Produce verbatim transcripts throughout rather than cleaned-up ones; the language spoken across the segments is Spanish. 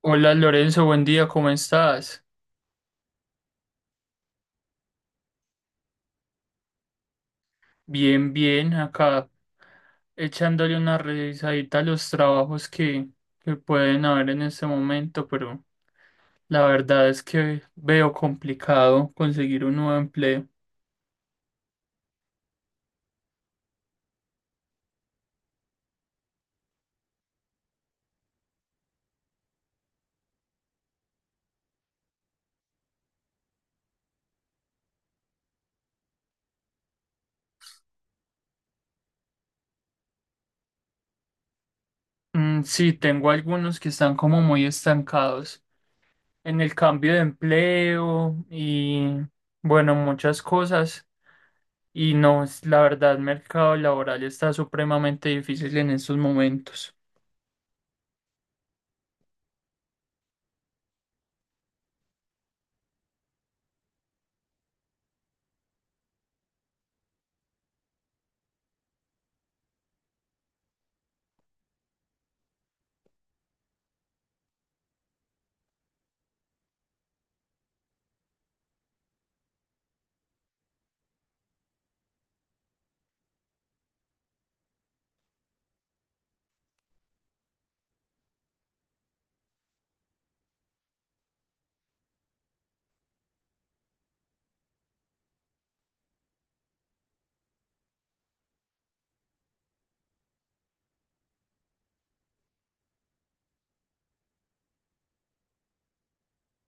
Hola Lorenzo, buen día, ¿cómo estás? Bien, bien, acá echándole una revisadita a los trabajos que, que pueden haber en este momento, pero la verdad es que veo complicado conseguir un nuevo empleo. Mm, sí, tengo algunos que están como muy estancados en el cambio de empleo y bueno, muchas cosas. Y no, es- la verdad, el mercado laboral está supremamente difícil en estos momentos.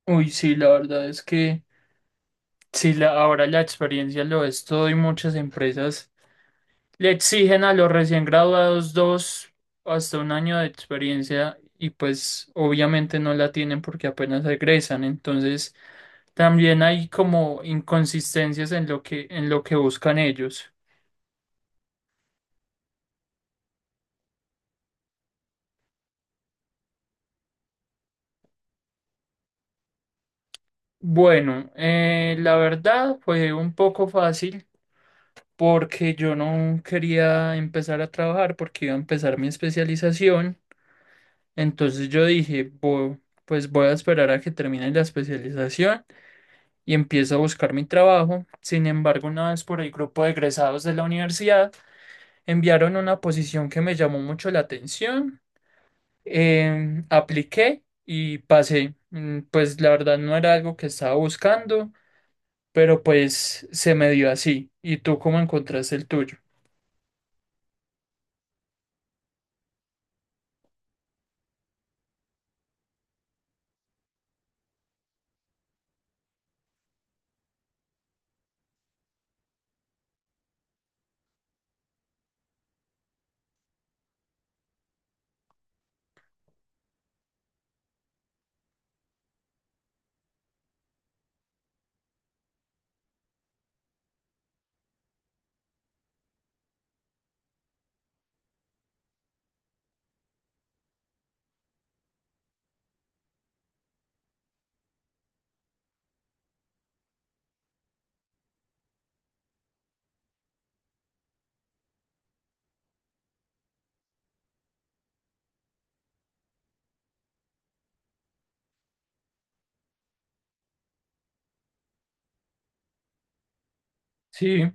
Uy, sí, la verdad es que… Sí, la- ahora la experiencia lo es todo y muchas empresas le exigen a los recién graduados dos hasta un año de experiencia y pues obviamente no la tienen porque apenas egresan. Entonces también hay como inconsistencias en lo que, en lo que buscan ellos. Bueno, eh, la verdad fue un poco fácil porque yo no quería empezar a trabajar porque iba a empezar mi especialización. Entonces yo dije, "Bo- pues voy a esperar a que termine la especialización y empiezo a buscar mi trabajo". Sin embargo, una vez por el grupo de egresados de la universidad, enviaron una posición que me llamó mucho la atención. Em, apliqué y pasé. Mm, pues la verdad no era algo que estaba buscando, pero pues se me dio así. ¿Y tú cómo encontraste el tuyo? Sí,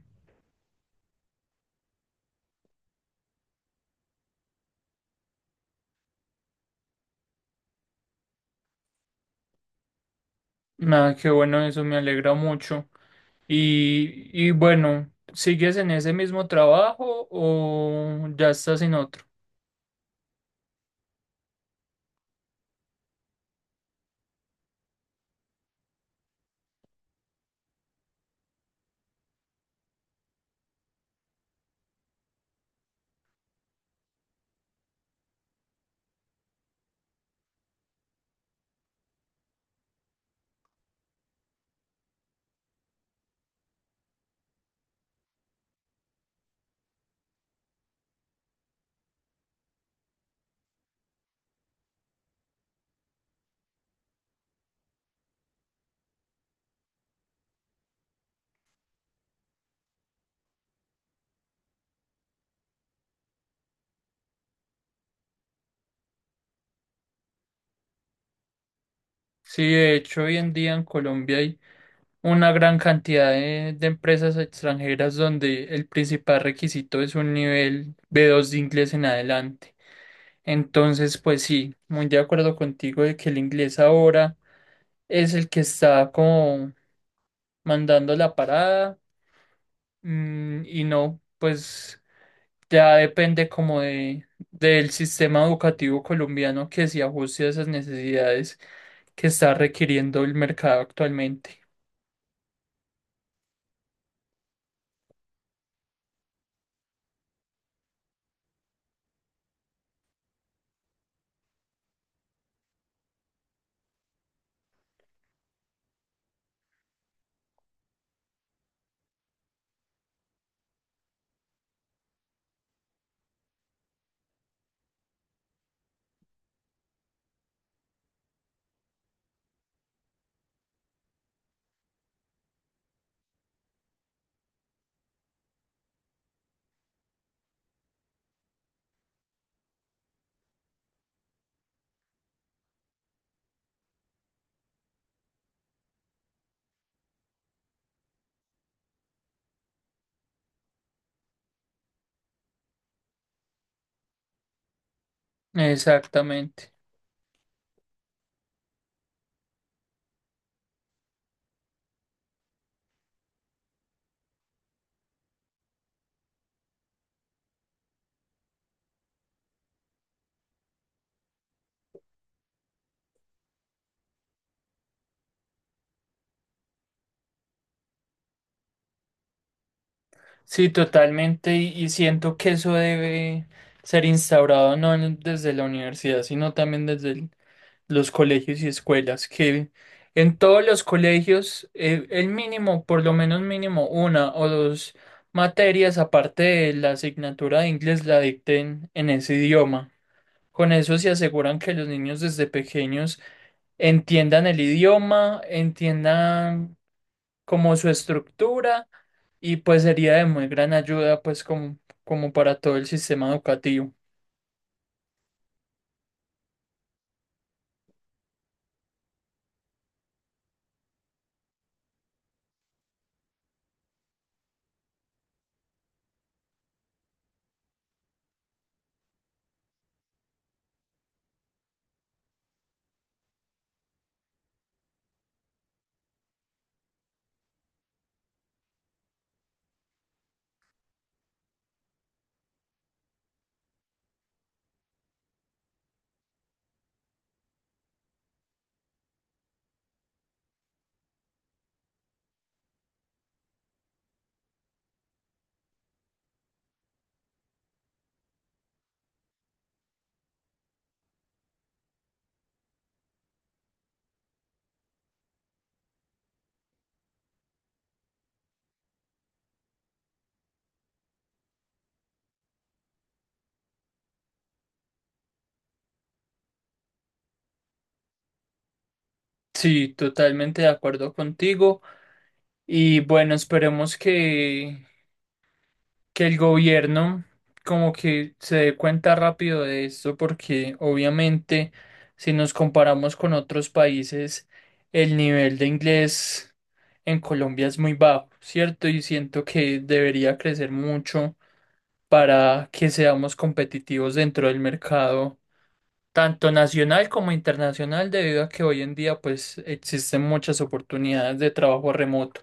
nada, qué bueno, eso me alegra mucho. Y, y bueno, ¿sigues en ese mismo trabajo o ya estás en otro? Sí, de hecho, hoy en día en Colombia hay una gran cantidad de, de empresas extranjeras donde el principal requisito es un nivel b dos de inglés en adelante. Entonces, pues sí, muy de acuerdo contigo de que el inglés ahora es el que está como mandando la parada. Mm, y no, pues ya depende como de, del sistema educativo colombiano que se ajuste a esas necesidades que está requiriendo el mercado actualmente. Exactamente. Sí, totalmente. Y, y siento que eso debe ser instaurado no en- desde la universidad, sino también desde el los colegios y escuelas, que en todos los colegios eh, el mínimo, por lo menos mínimo una o dos materias aparte de la asignatura de inglés la dicten en ese idioma. Con eso se aseguran que los niños desde pequeños entiendan el idioma, entiendan como su estructura y pues sería de muy gran ayuda pues como, como para todo el sistema educativo. Sí, totalmente de acuerdo contigo. Y bueno, esperemos que, que el gobierno como que se dé cuenta rápido de esto, porque obviamente si nos comparamos con otros países, el nivel de inglés en Colombia es muy bajo, ¿cierto? Y siento que debería crecer mucho para que seamos competitivos dentro del mercado, tanto nacional como internacional, debido a que hoy en día pues existen muchas oportunidades de trabajo remoto.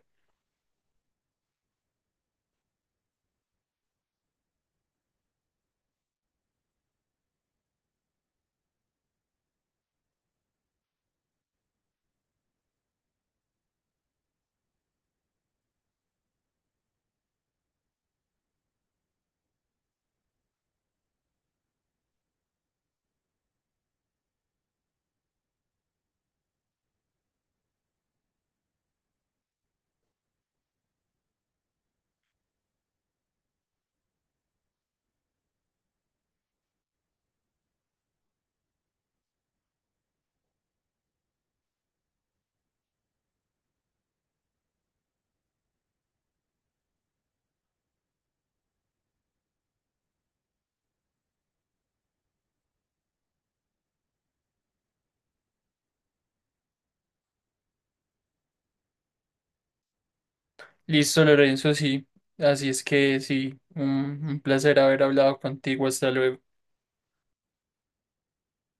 Listo, Lorenzo, sí. Así es que sí, un, un placer haber hablado contigo. Hasta luego.